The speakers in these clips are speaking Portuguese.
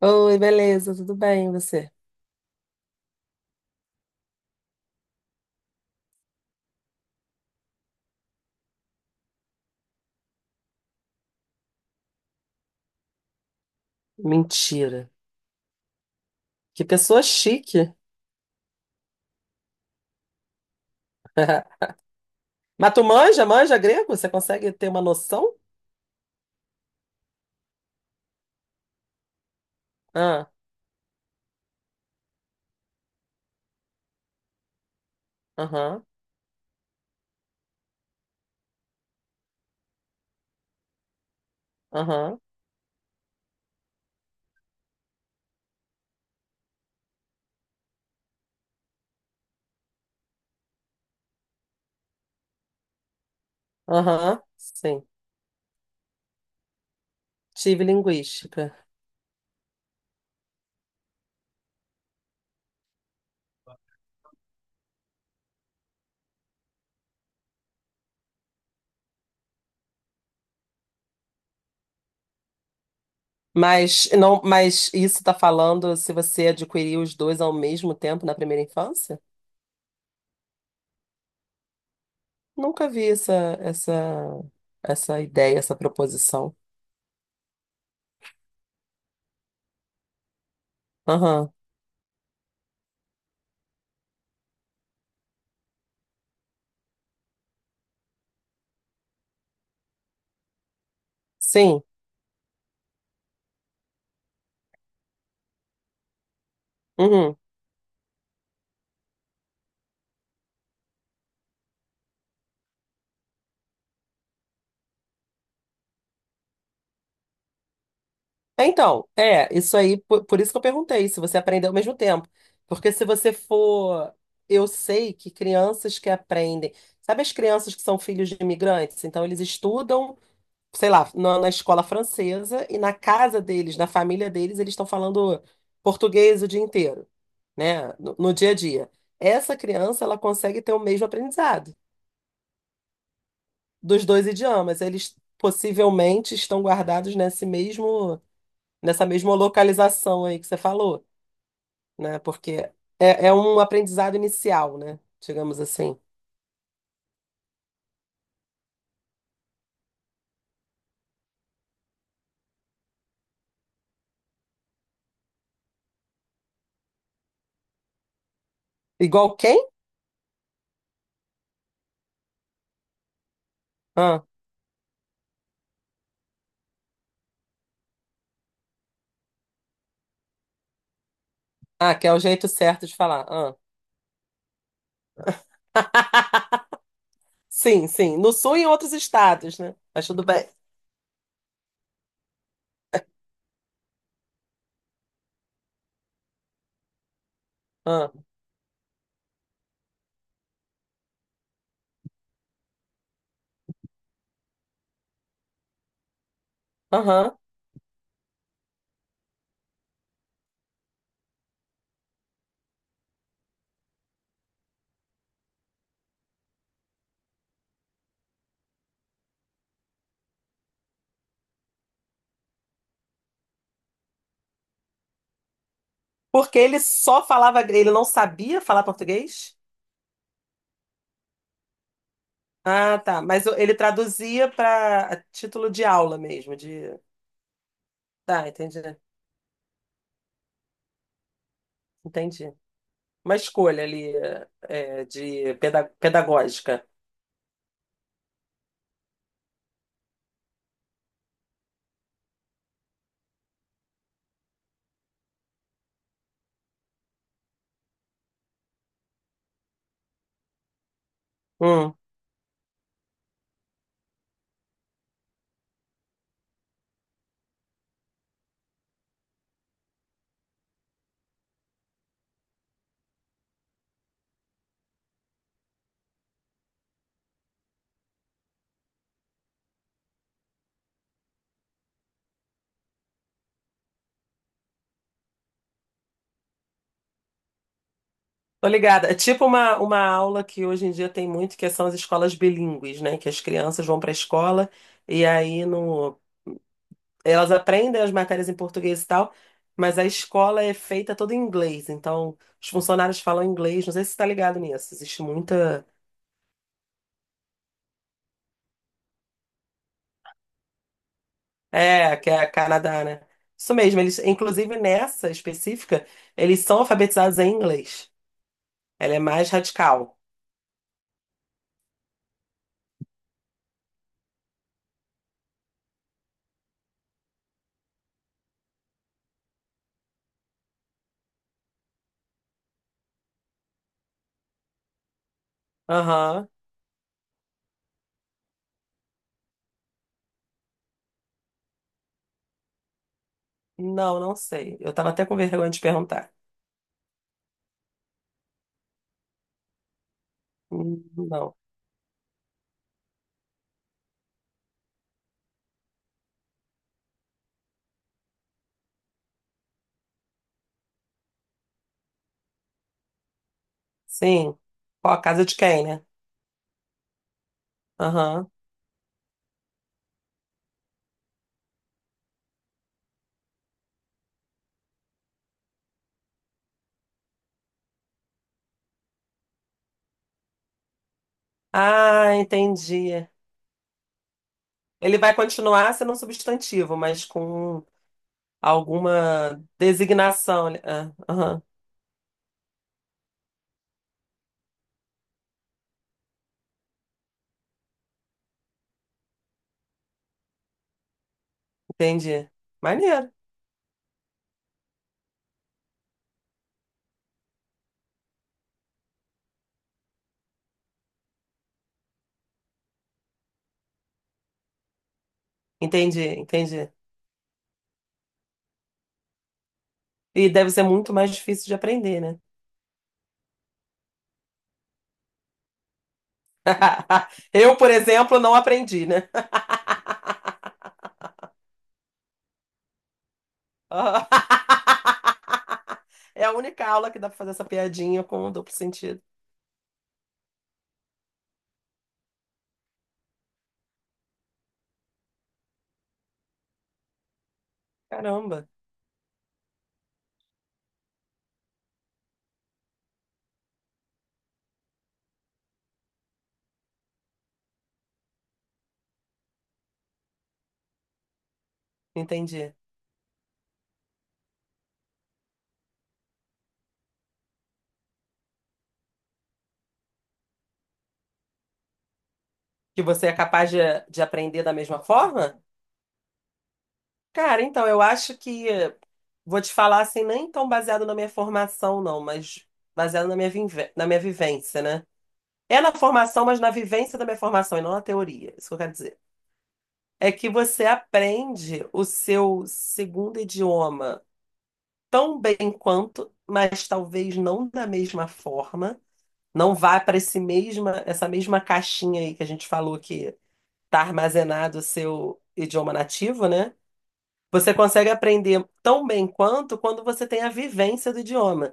Oi, beleza, tudo bem, e você? Mentira. Que pessoa chique. Mas tu manja, manja grego? Você consegue ter uma noção? Ah, aham, aham, aham, sim. Tive linguística. Mas não, mas isso tá falando se você adquiriu os dois ao mesmo tempo na primeira infância? Nunca vi essa essa ideia, essa proposição. Aham. Sim. Uhum. Então, isso aí, por isso que eu perguntei, se você aprendeu ao mesmo tempo. Porque se você for. Eu sei que crianças que aprendem. Sabe as crianças que são filhos de imigrantes? Então, eles estudam, sei lá, na escola francesa e na casa deles, na família deles, eles estão falando português o dia inteiro, né? No dia a dia. Essa criança, ela consegue ter o mesmo aprendizado dos dois idiomas. Eles possivelmente estão guardados nesse mesmo, nessa mesma localização aí que você falou. Né? Porque é, é um aprendizado inicial, né? Digamos assim. Igual quem? Ah, ah, que é o jeito certo de falar. Ah. Sim, sim. No Sul e em outros estados, né? Mas tudo bem. Ah, aham. Porque ele só falava, ele não sabia falar português? Ah, tá. Mas ele traduzia para título de aula mesmo, de... Tá, entendi. Entendi. Uma escolha ali é, de pedagógica. Hum. Tô ligada. É tipo uma aula que hoje em dia tem muito, que são as escolas bilíngues, né? Que as crianças vão para a escola e aí no... elas aprendem as matérias em português e tal, mas a escola é feita toda em inglês. Então, os funcionários falam inglês. Não sei se você tá ligado nisso. Existe muita. É, que é a Canadá, né? Isso mesmo. Eles, inclusive nessa específica, eles são alfabetizados em inglês. Ela é mais radical. Aham. Não, não sei. Eu tava até com vergonha de perguntar. Não. Sim. Qual a casa de quem, né? Aham. Ah, entendi. Ele vai continuar sendo um substantivo, mas com alguma designação. Né? Ah, aham, entendi. Maneiro. Entendi, entendi. E deve ser muito mais difícil de aprender, né? Eu, por exemplo, não aprendi, né? Ah, é a única aula que dá pra fazer essa piadinha com duplo sentido. Caramba, entendi. Que você é capaz de aprender da mesma forma? Cara, então, eu acho que, vou te falar assim, nem tão baseado na minha formação, não, mas baseado na minha, na minha vivência, né? É na formação, mas na vivência da minha formação e não na teoria, isso que eu quero dizer. É que você aprende o seu segundo idioma tão bem quanto, mas talvez não da mesma forma, não vá para esse mesma, essa mesma caixinha aí que a gente falou que tá armazenado o seu idioma nativo, né? Você consegue aprender tão bem quanto quando você tem a vivência do idioma.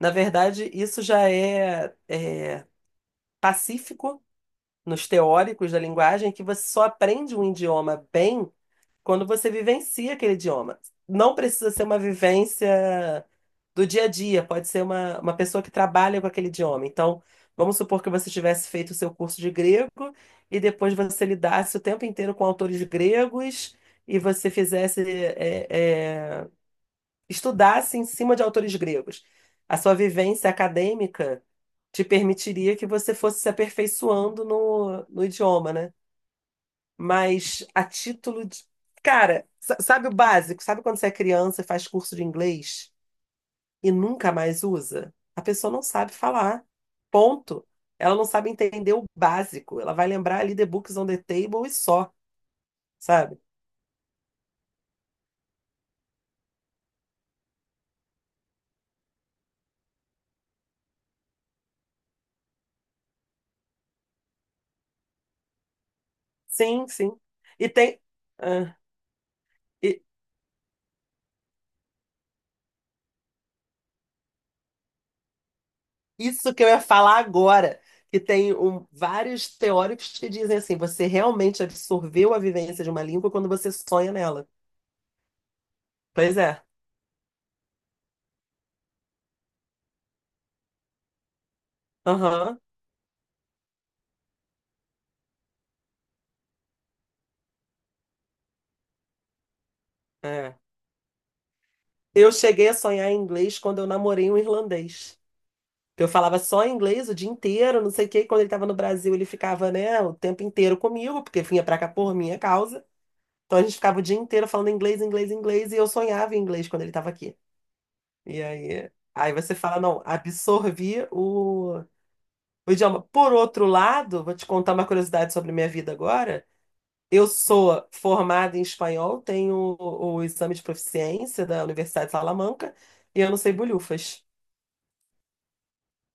Na verdade, isso já é, é pacífico nos teóricos da linguagem, que você só aprende um idioma bem quando você vivencia aquele idioma. Não precisa ser uma vivência do dia a dia, pode ser uma pessoa que trabalha com aquele idioma. Então, vamos supor que você tivesse feito o seu curso de grego e depois você lidasse o tempo inteiro com autores gregos e você fizesse. É, é, estudasse em cima de autores gregos. A sua vivência acadêmica te permitiria que você fosse se aperfeiçoando no, no idioma, né? Mas a título de. Cara, sabe o básico? Sabe quando você é criança e faz curso de inglês e nunca mais usa? A pessoa não sabe falar. Ponto. Ela não sabe entender o básico. Ela vai lembrar ali The Books on the Table e só, sabe? Sim, sim. E tem. ah, e- Isso que eu ia falar agora, que tem vários teóricos que dizem assim, você realmente absorveu a vivência de uma língua quando você sonha nela. Pois é. Aham. É. Eu cheguei a sonhar em inglês quando eu namorei um irlandês. Eu falava só inglês o dia inteiro, não sei o quê. E quando ele estava no Brasil, ele ficava, né, o tempo inteiro comigo, porque vinha pra cá por minha causa. Então a gente ficava o dia inteiro falando inglês, inglês, inglês, e eu sonhava em inglês quando ele estava aqui. E aí, aí você fala, não, absorvi o idioma. Por outro lado, vou te contar uma curiosidade sobre minha vida agora. Eu sou formada em espanhol, tenho o exame de proficiência da Universidade de Salamanca e eu não sei bolhufas.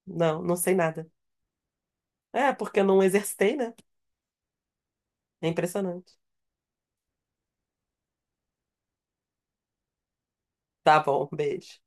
Não, não sei nada. É, porque eu não exercitei, né? É impressionante. Tá bom, beijo.